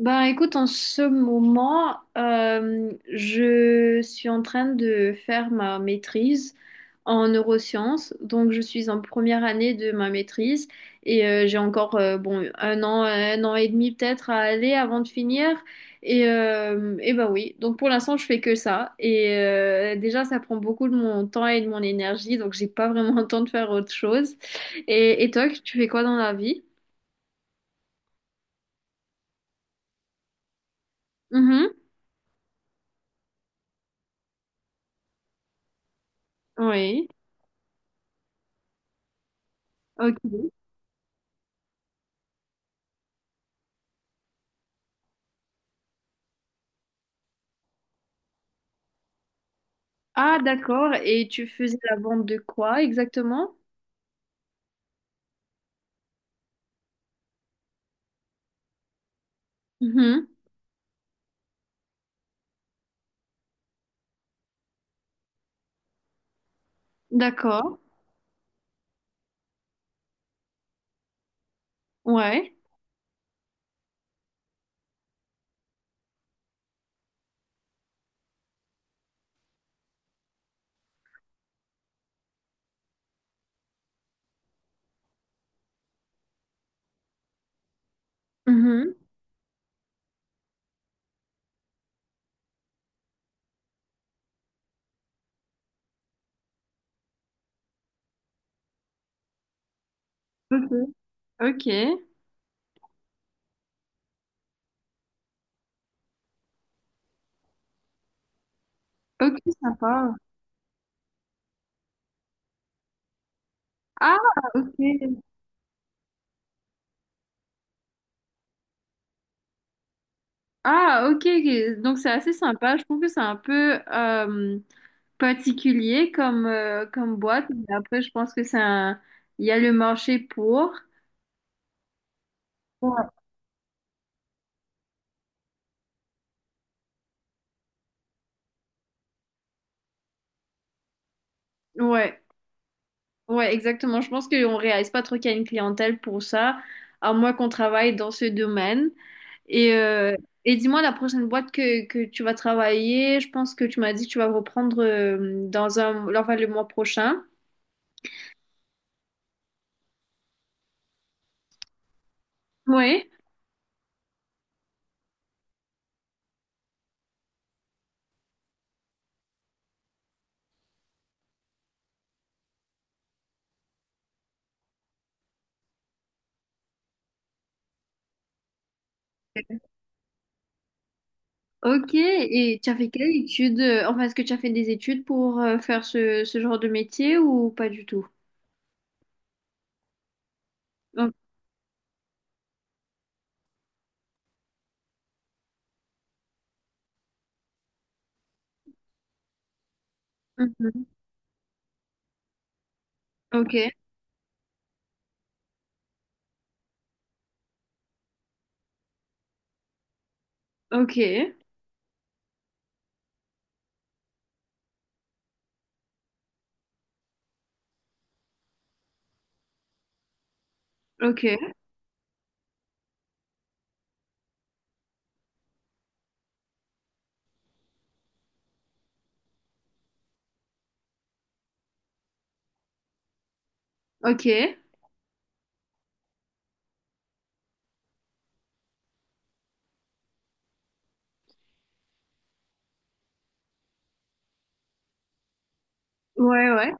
Ben écoute, en ce moment, je suis en train de faire ma maîtrise en neurosciences. Donc je suis en première année de ma maîtrise et j'ai encore bon un an et demi peut-être à aller avant de finir. Et ben oui, donc pour l'instant je fais que ça. Et déjà ça prend beaucoup de mon temps et de mon énergie, donc j'ai pas vraiment le temps de faire autre chose. Et toi, tu fais quoi dans la vie? Mhm. Oui. Ok. Ah, d'accord. Et tu faisais la vente de quoi exactement? Mhm. D'accord. Ouais. Mhm. Ok. Ok. Ok, sympa. Ah, ok. Ah, ok. Ok. Donc c'est assez sympa. Je trouve que c'est un peu particulier comme boîte. Mais après, je pense que c'est un. Il y a le marché pour. Ouais. Ouais, ouais, exactement. Je pense qu'on réalise pas trop qu'il y a une clientèle pour ça, à moins qu'on travaille dans ce domaine. Et, euh, et dis-moi, la prochaine boîte que tu vas travailler, je pense que tu m'as dit que tu vas reprendre enfin, le mois prochain. Oui. Ok, et tu as fait quelle étude? Enfin, est-ce que tu as fait des études pour faire ce genre de métier ou pas du tout? Oh, mhm. Ok, ok, ok, ok. Ouais, ouais.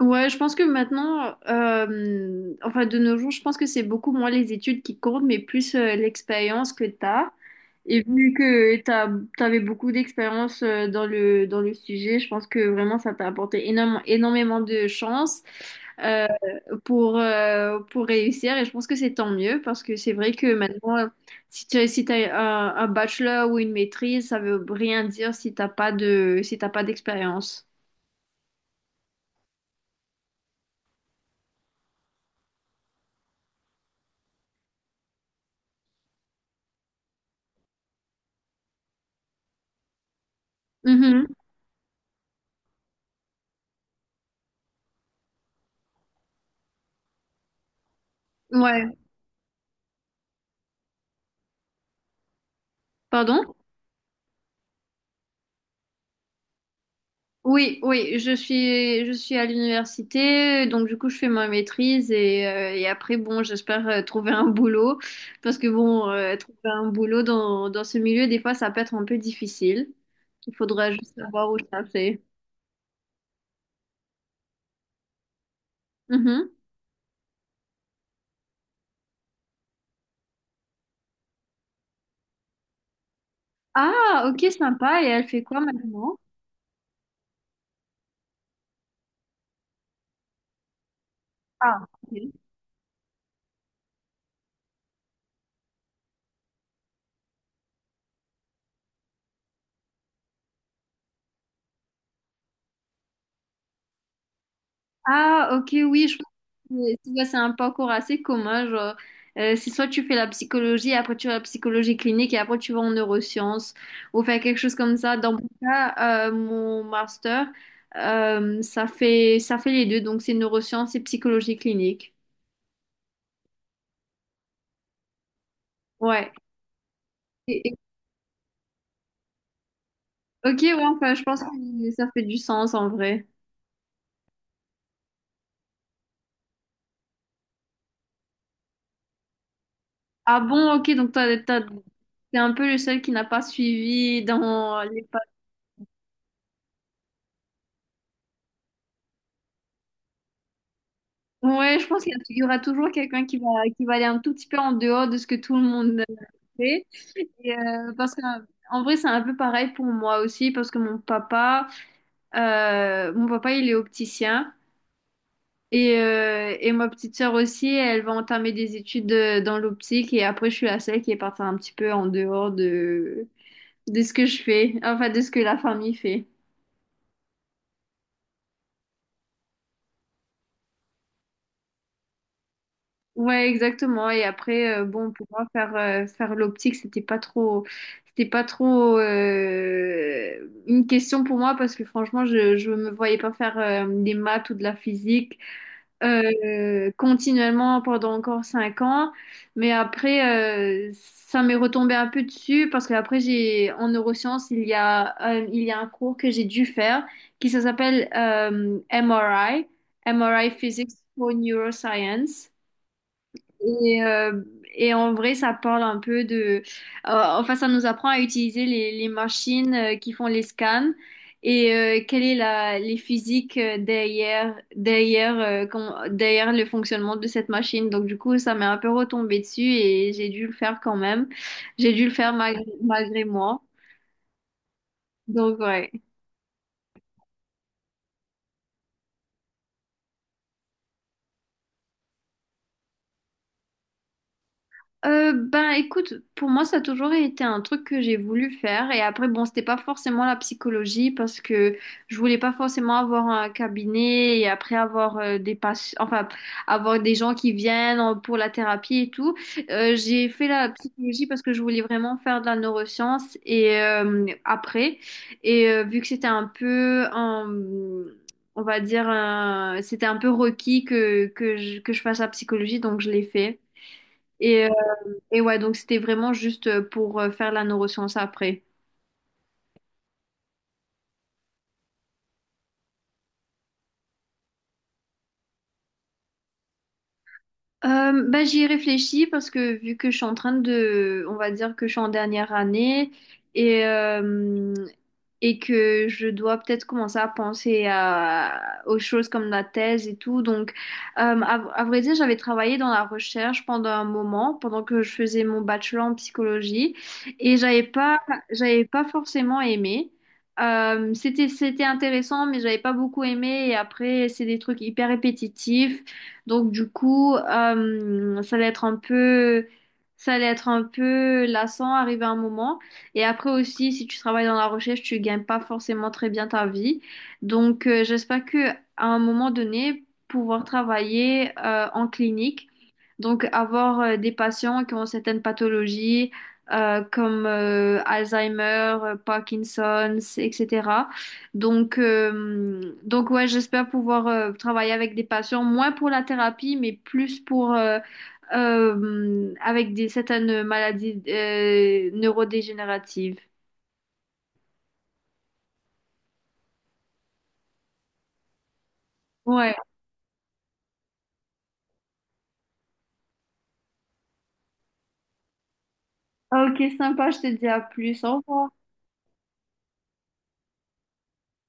Ouais, je pense que maintenant, enfin de nos jours, je pense que c'est beaucoup moins les études qui comptent, mais plus l'expérience que tu as. Et vu que tu avais beaucoup d'expérience dans le sujet, je pense que vraiment ça t'a apporté énormément de chance euh, pour réussir. Et je pense que c'est tant mieux parce que c'est vrai que maintenant, si tu as, si t'as un bachelor ou une maîtrise, ça veut rien dire si t'as pas de, si t'as pas d'expérience. Mhm. Ouais. Pardon? Oui, oui, je suis à l'université, donc du coup je fais ma maîtrise et après bon, j'espère trouver un boulot parce que bon, trouver un boulot dans ce milieu des fois ça peut être un peu difficile. Il faudra juste savoir où chercher. Mhm. Ah, ok, sympa. Et elle fait quoi maintenant? Ah, ok. Ah, ok, oui, je pense que tu vois, c'est un parcours assez commun. Genre, c'est soit tu fais la psychologie, après tu vas la psychologie clinique et après tu vas en neurosciences ou faire quelque chose comme ça. Dans mon cas, mon master, ça fait les deux, donc c'est neurosciences et psychologie clinique. Ouais. Et- et- ok, ouais, enfin, je pense que ça fait du sens en vrai. Ah bon, ok, donc toi, t'es un peu le seul qui n'a pas suivi dans les. Ouais, je pense qu'il y aura toujours quelqu'un qui va aller un tout petit peu en dehors de ce que tout le monde fait. Et, parce que, en vrai, c'est un peu pareil pour moi aussi, parce que mon papa, il est opticien. Et ma petite sœur aussi, elle va entamer des études dans l'optique. Et après, je suis la seule qui est partie un petit peu en dehors de ce que je fais, enfin, de ce que la famille fait. Ouais, exactement. Et après, bon, pour moi, faire l'optique, c'était pas trop une question pour moi parce que franchement, je me voyais pas faire des maths ou de la physique continuellement pendant encore 5 ans. Mais après, ça m'est retombé un peu dessus parce qu'après, en neurosciences, il y a un cours que j'ai dû faire qui ça s'appelle MRI Physics for Neuroscience. Et, euh, et en vrai, ça parle un peu de, euh, enfin, ça nous apprend à utiliser les machines qui font les scans et quelle est les physiques derrière le fonctionnement de cette machine. Donc, du coup, ça m'est un peu retombé dessus et j'ai dû le faire quand même. J'ai dû le faire malgré moi. Donc, ouais. Ben écoute, pour moi ça a toujours été un truc que j'ai voulu faire et après bon c'était pas forcément la psychologie parce que je voulais pas forcément avoir un cabinet et après avoir des patients, enfin avoir des gens qui viennent pour la thérapie et tout. J'ai fait la psychologie parce que je voulais vraiment faire de la neuroscience et après et vu que c'était un peu un- on va dire un- c'était un peu requis que je fasse la psychologie donc je l'ai fait. Et et ouais, donc c'était vraiment juste pour faire la neuroscience après. Bah, j'y ai réfléchi parce que vu que je suis en train de, on va dire que je suis en dernière année et, euh, et que je dois peut-être commencer à penser aux choses comme la thèse et tout. Donc, à vrai dire, j'avais travaillé dans la recherche pendant un moment, pendant que je faisais mon bachelor en psychologie et j'avais pas forcément aimé. C'était intéressant, mais j'avais pas beaucoup aimé. Et après, c'est des trucs hyper répétitifs. Donc du coup, ça allait être un peu, ça allait être un peu lassant arrivé à un moment. Et après aussi, si tu travailles dans la recherche, tu gagnes pas forcément très bien ta vie. Donc j'espère que à un moment donné, pouvoir travailler en clinique, donc avoir des patients qui ont certaines pathologies comme Alzheimer, Parkinson's, etc. Donc ouais, j'espère pouvoir travailler avec des patients, moins pour la thérapie, mais plus pour avec des certaines maladies neurodégénératives. Ouais. Ok, sympa, je te dis à plus. Au revoir.